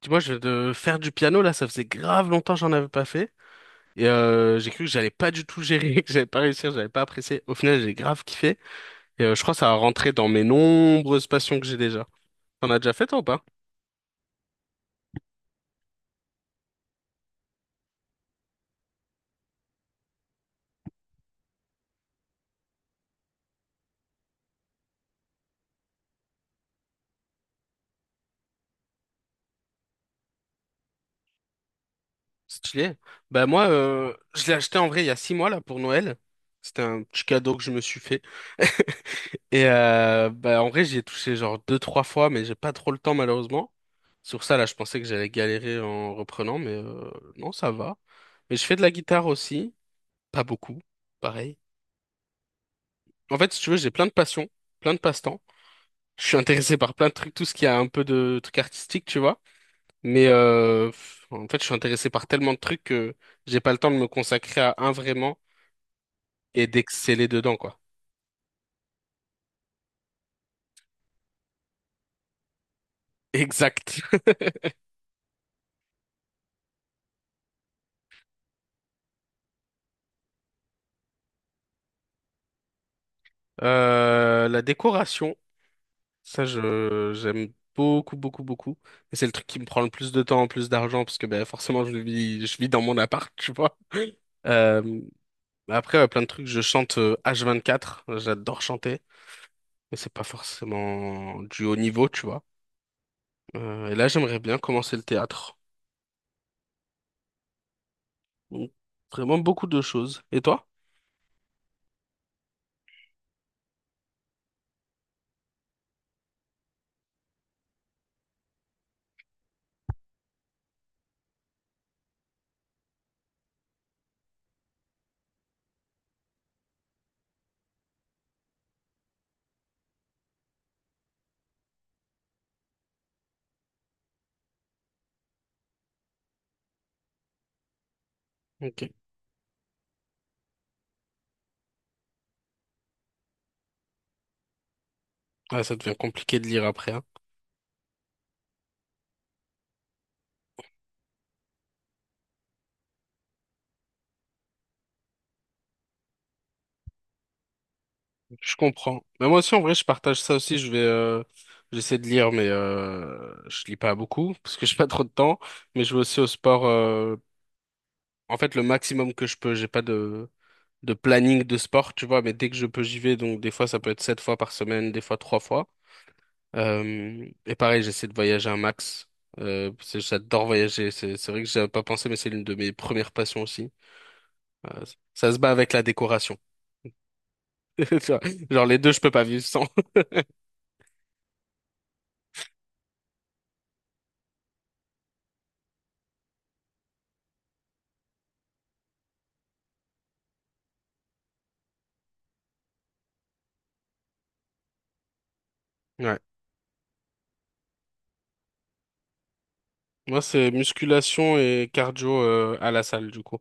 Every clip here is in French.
Tu vois, je de faire du piano là, ça faisait grave longtemps que j'en avais pas fait. Et j'ai cru que j'allais pas du tout gérer, que j'allais pas réussir, que j'allais pas apprécier. Au final, j'ai grave kiffé. Et je crois que ça a rentré dans mes nombreuses passions que j'ai déjà. T'en as déjà fait toi ou pas? Stylé. Bah moi, je l'ai acheté en vrai il y a 6 mois là pour Noël. C'était un petit cadeau que je me suis fait. Et bah en vrai, j'y ai touché genre deux, trois fois, mais j'ai pas trop le temps malheureusement. Sur ça, là, je pensais que j'allais galérer en reprenant, mais non, ça va. Mais je fais de la guitare aussi. Pas beaucoup, pareil. En fait, si tu veux, j'ai plein de passions, plein de passe-temps. Je suis intéressé par plein de trucs, tout ce qui a un peu de trucs artistiques, tu vois. Mais en fait, je suis intéressé par tellement de trucs que j'ai pas le temps de me consacrer à un vraiment et d'exceller dedans, quoi. Exact. La décoration, ça, je j'aime beaucoup, beaucoup, beaucoup. Et c'est le truc qui me prend le plus de temps, le plus d'argent, parce que ben forcément, je vis dans mon appart, tu vois. Euh, après, ouais, plein de trucs. Je chante h quatre. J'adore chanter. Mais c'est pas forcément du haut niveau, tu vois. Et là, j'aimerais bien commencer le théâtre. Donc, vraiment beaucoup de choses. Et toi? Ok. Ah, ça devient compliqué de lire après, hein. Je comprends. Mais moi aussi, en vrai, je partage ça aussi. Je vais, j'essaie de lire, mais je lis pas beaucoup parce que j'ai pas trop de temps. Mais je vais aussi au sport. En fait, le maximum que je peux. J'ai pas de planning de sport, tu vois. Mais dès que je peux, j'y vais. Donc, des fois, ça peut être 7 fois par semaine, des fois 3 fois. Et pareil, j'essaie de voyager un max. Parce que j'adore voyager. C'est vrai que j'avais pas pensé, mais c'est l'une de mes premières passions aussi. Euh, ça se bat avec la décoration. Tu vois, genre les deux, je peux pas vivre sans. Ouais. Moi, c'est musculation et cardio à la salle, du coup.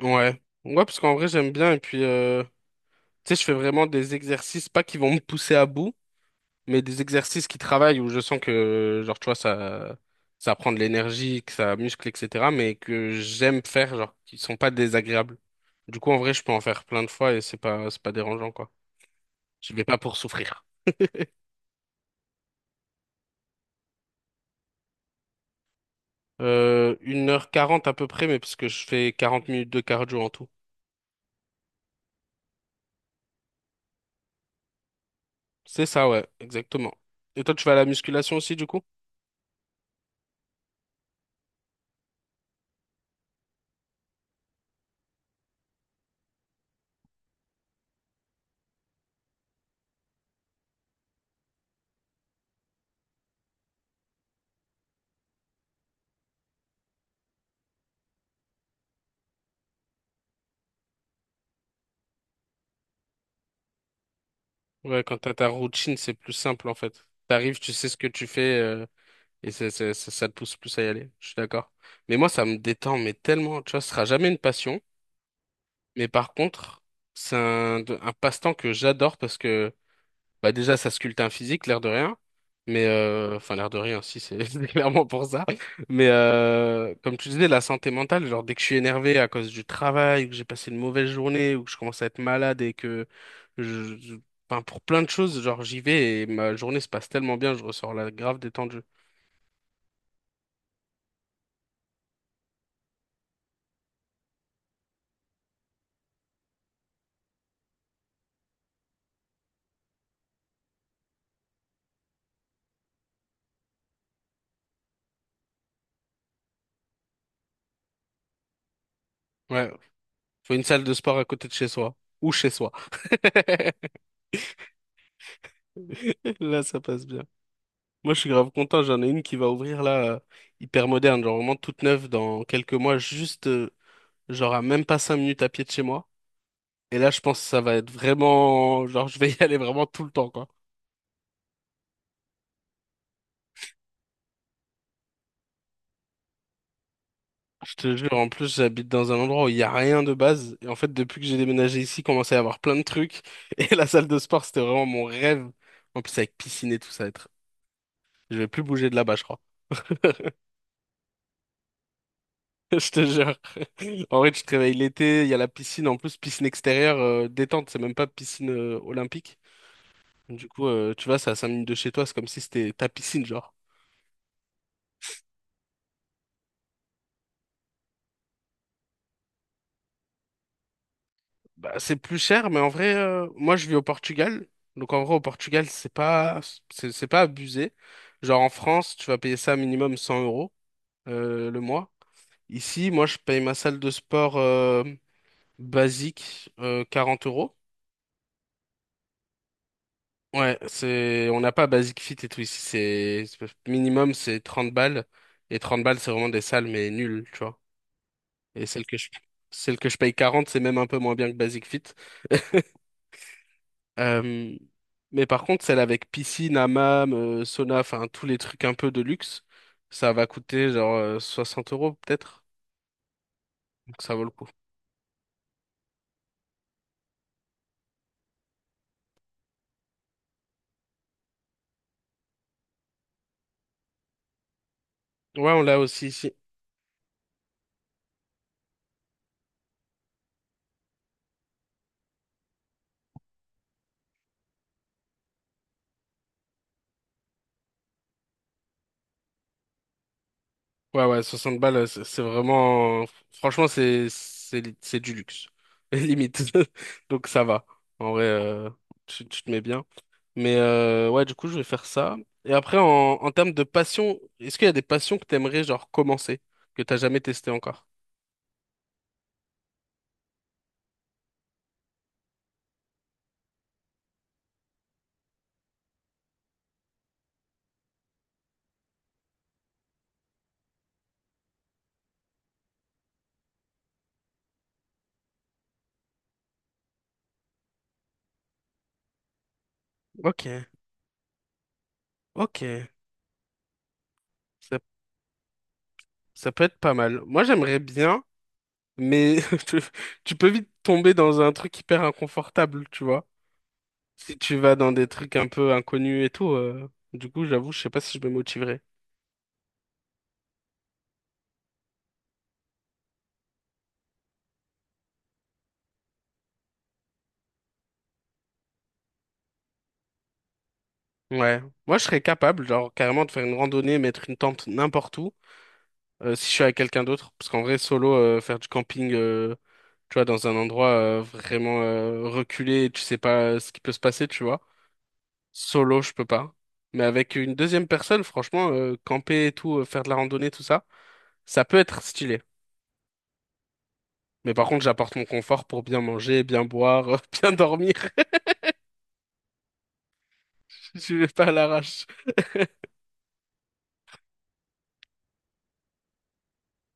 Ouais. Ouais, parce qu'en vrai, j'aime bien. Et puis, tu sais, je fais vraiment des exercices, pas qui vont me pousser à bout, mais des exercices qui travaillent où je sens que, genre, tu vois, ça prend de l'énergie, que ça muscle, etc., mais que j'aime faire, genre, qui sont pas désagréables. Du coup, en vrai, je peux en faire plein de fois et c'est pas dérangeant, quoi. Je vais pas pour souffrir. 1h40 à peu près, mais parce que je fais 40 minutes de cardio en tout. C'est ça, ouais, exactement. Et toi, tu vas à la musculation aussi, du coup? Ouais, quand t'as ta routine, c'est plus simple, en fait. T'arrives, tu sais ce que tu fais. Et ça, ça te pousse plus à y aller, je suis d'accord. Mais moi, ça me détend, mais tellement, tu vois, ce sera jamais une passion. Mais par contre, c'est un passe-temps que j'adore parce que, bah déjà, ça sculpte un physique, l'air de rien. Mais, enfin, l'air de rien, si, c'est c'est clairement pour ça. Mais, comme tu disais, la santé mentale, genre, dès que je suis énervé à cause du travail, ou que j'ai passé une mauvaise journée, ou que je commence à être malade et que je, je- enfin, pour plein de choses, genre, j'y vais et ma journée se passe tellement bien, je ressors là grave détendu. Ouais, faut une salle de sport à côté de chez soi. Ou chez soi. Là, ça passe bien. Moi, je suis grave content. J'en ai une qui va ouvrir là, hyper moderne, genre vraiment toute neuve dans quelques mois, juste genre à même pas 5 minutes à pied de chez moi. Et là, je pense que ça va être vraiment, genre, je vais y aller vraiment tout le temps, quoi. Je te jure, en plus, j'habite dans un endroit où il y a rien de base. Et en fait, depuis que j'ai déménagé ici, il commençait à y avoir plein de trucs. Et la salle de sport, c'était vraiment mon rêve. En plus, avec piscine et tout, ça va être. Je vais plus bouger de là-bas, je crois. Je te jure. En vrai, tu te réveilles l'été, il y a la piscine, en plus, piscine extérieure, détente, c'est même pas piscine olympique. Du coup, tu vois, c'est à 5 minutes de chez toi, c'est comme si c'était ta piscine, genre. Bah, c'est plus cher, mais en vrai, moi, je vis au Portugal. Donc, en vrai, au Portugal, c'est pas abusé. Genre, en France, tu vas payer ça minimum 100 euros , le mois. Ici, moi, je paye ma salle de sport basique 40 euros. Ouais, c'est, on n'a pas Basic Fit et tout ici. C'est minimum, c'est 30 balles. Et 30 balles, c'est vraiment des salles, mais nulles, tu vois. Et celle que je paye 40, c'est même un peu moins bien que Basic Fit. Euh, mais par contre, celle avec piscine, hammam, sauna, enfin, tous les trucs un peu de luxe, ça va coûter genre 60 euros, peut-être. Donc ça vaut le coup. Ouais, on l'a aussi ici. Ouais, ouais, 60 balles, c'est vraiment. Franchement, c'est du luxe. Limite. Donc ça va. En vrai, tu te mets bien. Mais ouais, du coup, je vais faire ça. Et après, en termes de passion, est-ce qu'il y a des passions que t'aimerais, genre, commencer, que t'as jamais testé encore? Ok, ok. Ça, ça peut être pas mal. Moi, j'aimerais bien. Mais tu tu peux vite tomber dans un truc hyper inconfortable, tu vois. Si tu vas dans des trucs un peu inconnus et tout, du coup, j'avoue, je sais pas si je me motiverai. Ouais. Moi, je serais capable, genre, carrément de faire une randonnée, mettre une tente n'importe où, si je suis avec quelqu'un d'autre. Parce qu'en vrai, solo, faire du camping, tu vois, dans un endroit vraiment reculé, tu sais pas ce qui peut se passer, tu vois. Solo, je peux pas. Mais avec une deuxième personne, franchement, camper et tout, faire de la randonnée, tout ça, ça peut être stylé. Mais par contre, j'apporte mon confort pour bien manger, bien boire, bien dormir. Je vais pas à l'arrache.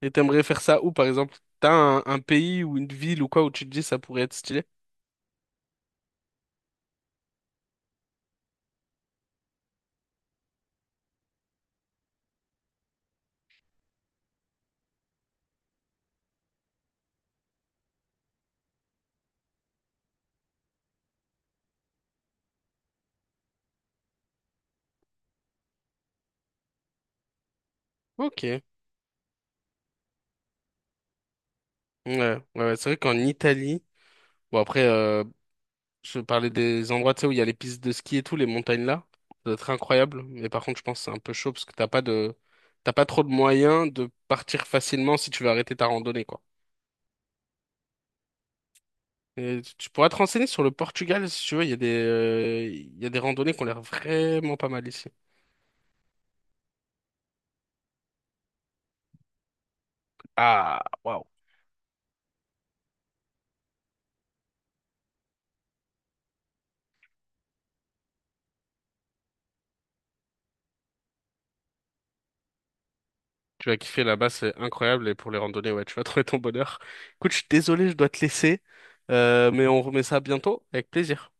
Et t'aimerais faire ça où, par exemple? T'as un pays ou une ville ou quoi où tu te dis ça pourrait être stylé? Ok. Ouais, ouais, ouais, c'est vrai qu'en Italie, bon après, je parlais des endroits, tu sais, où il y a les pistes de ski et tout, les montagnes là. Ça doit être incroyable. Mais par contre, je pense que c'est un peu chaud parce que t'as pas trop de moyens de partir facilement si tu veux arrêter ta randonnée, quoi. Et tu pourras te renseigner sur le Portugal si tu veux. Il y a des randonnées qui ont l'air vraiment pas mal ici. Ah, waouh. Tu vas kiffer là-bas, c'est incroyable. Et pour les randonnées, ouais, tu vas trouver ton bonheur. Écoute, je suis désolé, je dois te laisser. Mais on remet ça bientôt avec plaisir.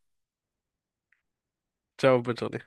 Ciao, bonne journée.